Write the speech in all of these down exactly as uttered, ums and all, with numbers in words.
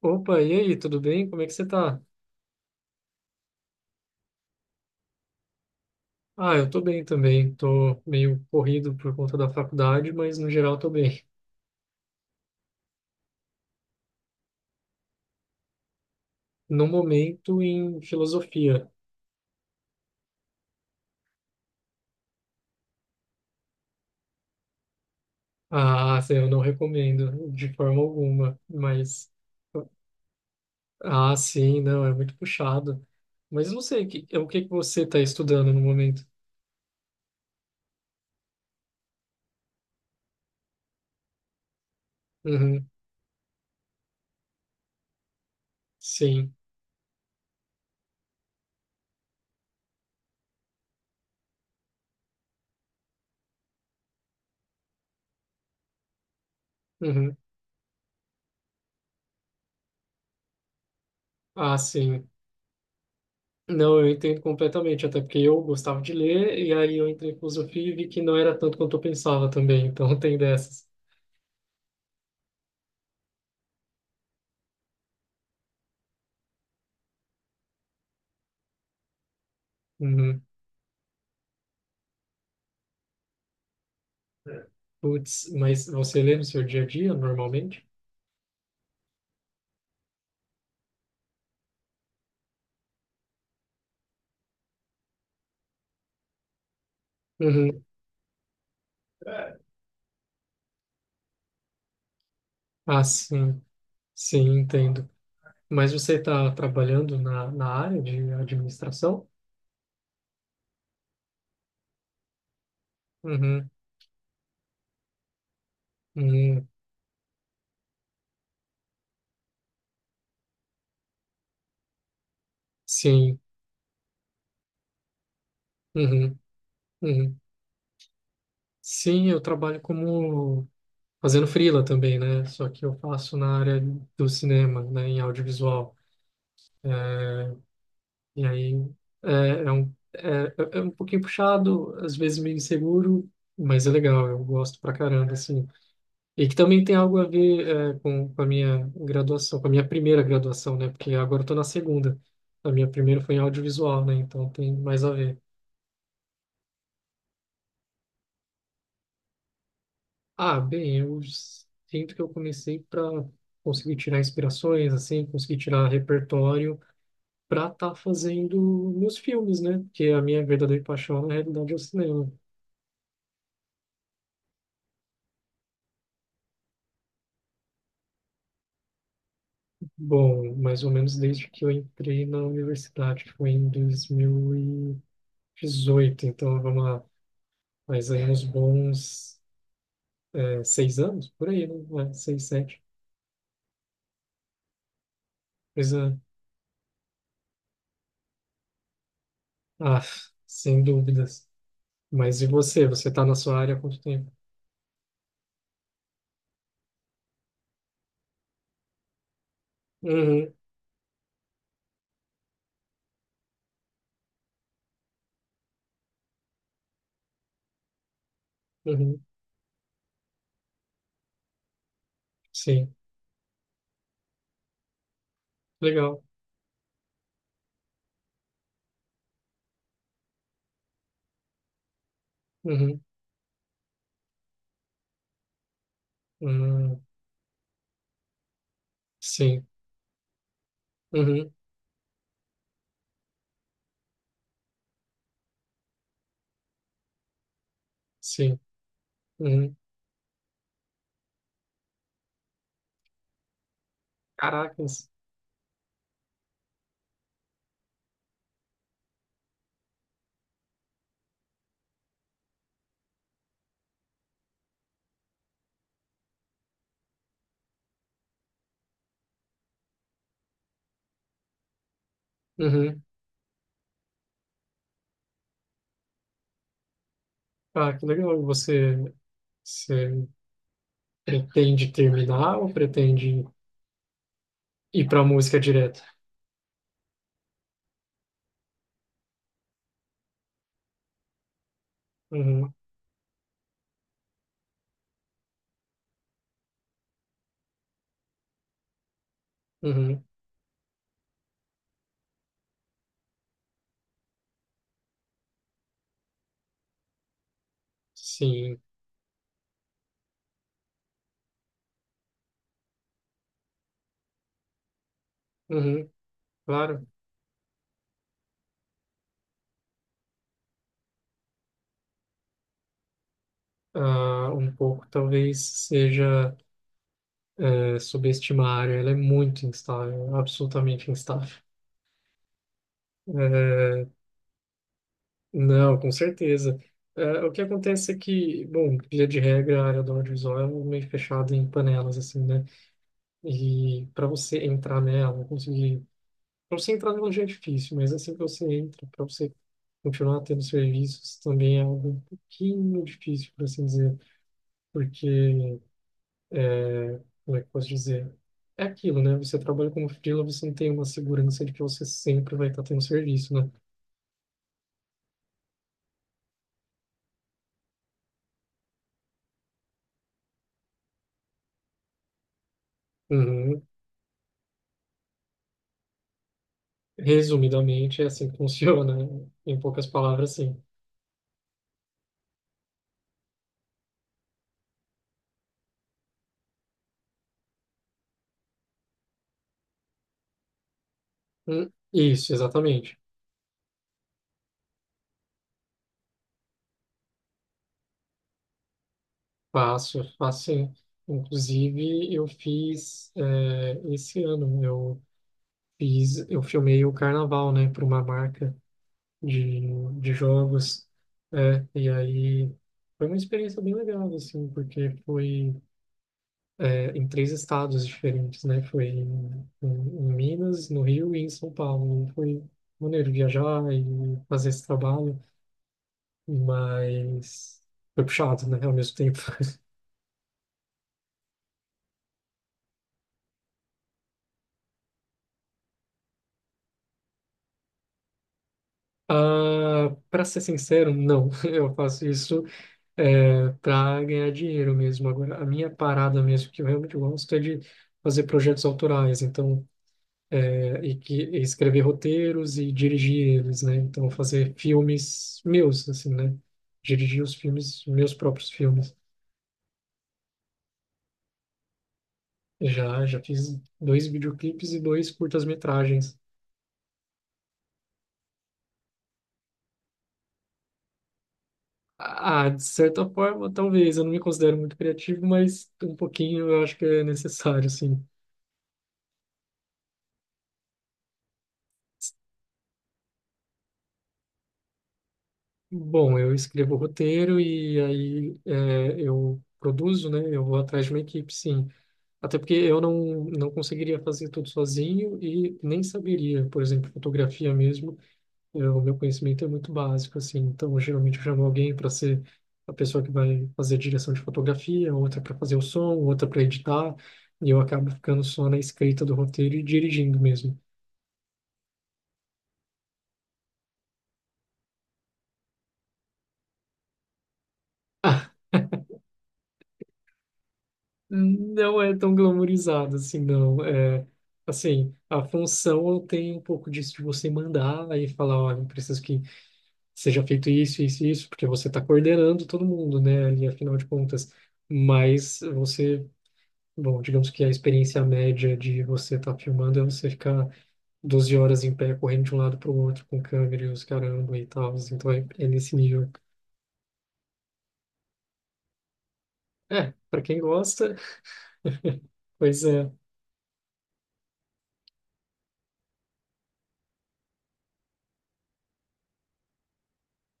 Opa, e aí, tudo bem? Como é que você tá? Ah, eu tô bem também. Tô meio corrido por conta da faculdade, mas no geral tô bem. No momento, em filosofia. Ah, sim, eu não recomendo de forma alguma, mas... Ah, sim, não, é muito puxado. Mas eu não sei, que- é o que que você tá estudando no momento? Uhum, sim. Uhum. Ah, sim. Não, eu entendo completamente, até porque eu gostava de ler, e aí eu entrei em filosofia e vi que não era tanto quanto eu pensava também, então tem dessas. Uhum. Putz, mas você lê no seu dia a dia normalmente? Uhum. Ah, sim, sim, entendo. Mas você está trabalhando na, na área de administração? Uhum. Uhum. Sim. Uhum. Uhum. Sim, eu trabalho como fazendo freela também, né? Só que eu faço na área do cinema, né? Em audiovisual. É. E aí é, é um, é, é é um pouquinho puxado, às vezes meio inseguro, mas é legal, eu gosto pra caramba, assim. E que também tem algo a ver é, com, com a minha graduação, com a minha primeira graduação, né? Porque agora eu tô na segunda. A minha primeira foi em audiovisual, né? Então tem mais a ver. Ah, bem, eu sinto que eu comecei para conseguir tirar inspirações, assim, conseguir tirar repertório para estar tá fazendo meus filmes, né? Porque a minha verdadeira paixão, na realidade, é o cinema. Bom, mais ou menos desde que eu entrei na universidade, que foi em dois mil e dezoito, então vamos lá, faz aí uns bons. É, seis anos, por aí, né? É, seis, sete. Coisa. Ah, sem dúvidas. Mas e você? Você está na sua área há quanto tempo? Uhum, uhum, sim. Legal. Uhum, uhum, sim. Uhum, sim. Uhum. Caracas. Uhum. Ah, que legal. Você, você pretende terminar ou pretende ir para a música direto? Uhum, uhum, sim. Uhum, claro. Ah, um pouco talvez seja. É, subestimar a área, ela é muito instável, absolutamente instável. É, não, com certeza. É, o que acontece é que, bom, via de regra, a área do audiovisual é meio fechada em panelas, assim, né? E para você entrar nela, conseguir. Para você entrar nela já é difícil, mas assim que você entra, para você continuar tendo serviços, também é algo um pouquinho difícil, por assim dizer, porque é, como é que eu posso dizer? É aquilo, né? Você trabalha como freela, você não tem uma segurança de que você sempre vai estar tendo serviço, né? Uhum. Resumidamente, é assim que funciona, né? Em poucas palavras, sim. Hum, isso, exatamente. Faço, faço sim. Inclusive, eu fiz, é, esse ano, eu fiz, eu filmei o carnaval, né? Para uma marca de, de jogos, é, e aí foi uma experiência bem legal, assim, porque foi é, em três estados diferentes, né? Foi em, em- em Minas, no Rio e em São Paulo. Foi maneiro viajar e fazer esse trabalho, mas foi puxado, né? Ao mesmo tempo. Ah, para ser sincero, não. Eu faço isso é, para ganhar dinheiro mesmo. Agora, a minha parada mesmo que eu realmente gosto é de fazer projetos autorais. Então é, e que e escrever roteiros e dirigir eles, né? Então fazer filmes meus, assim, né? Dirigir os filmes, meus próprios filmes. Já, já fiz dois videoclipes e dois curtas-metragens. Ah, de certa forma, talvez. Eu não me considero muito criativo, mas um pouquinho eu acho que é necessário, assim. Bom, eu escrevo o roteiro e aí é, eu produzo, né? Eu vou atrás de uma equipe, sim. Até porque eu não, não conseguiria fazer tudo sozinho e nem saberia, por exemplo, fotografia mesmo. Eu, o meu conhecimento é muito básico, assim. Então, geralmente eu chamo alguém para ser a pessoa que vai fazer a direção de fotografia, outra para fazer o som, outra para editar. E eu acabo ficando só na escrita do roteiro e dirigindo mesmo. Ah, não é tão glamourizado assim, não. É, assim, a função tem um pouco disso de você mandar e falar: olha, eu preciso que seja feito isso, isso, e isso, porque você está coordenando todo mundo, né, ali, afinal de contas. Mas você, bom, digamos que a experiência média de você estar filmando é você ficar doze horas em pé, correndo de um lado para o outro, com câmera e os caramba e tal. Então é, é nesse nível. É, para quem gosta, pois é.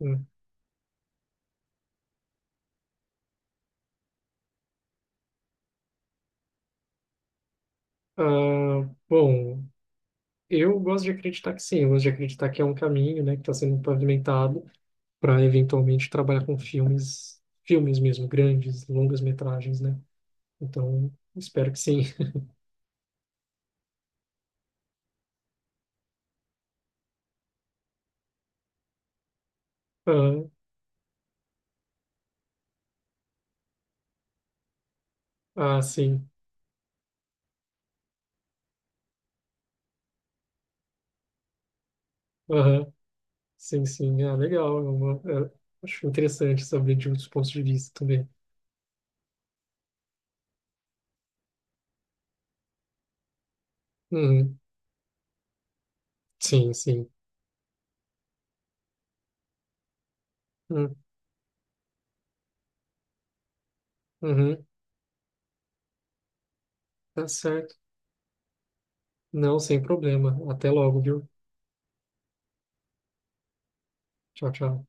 Hum. Ah, bom, eu gosto de acreditar que sim, eu gosto de acreditar que é um caminho, né, que está sendo pavimentado. Para eventualmente trabalhar com filmes, filmes mesmo, grandes, longas metragens, né? Então, espero que sim. Aham. Ah, sim. Aham. Sim, sim. Ah, legal. É uma- é- Acho interessante saber de outros pontos de vista também. Uhum. Sim, sim. Hum, Uhum. Tá certo. Não, sem problema. Até logo, viu? Tchau, tchau.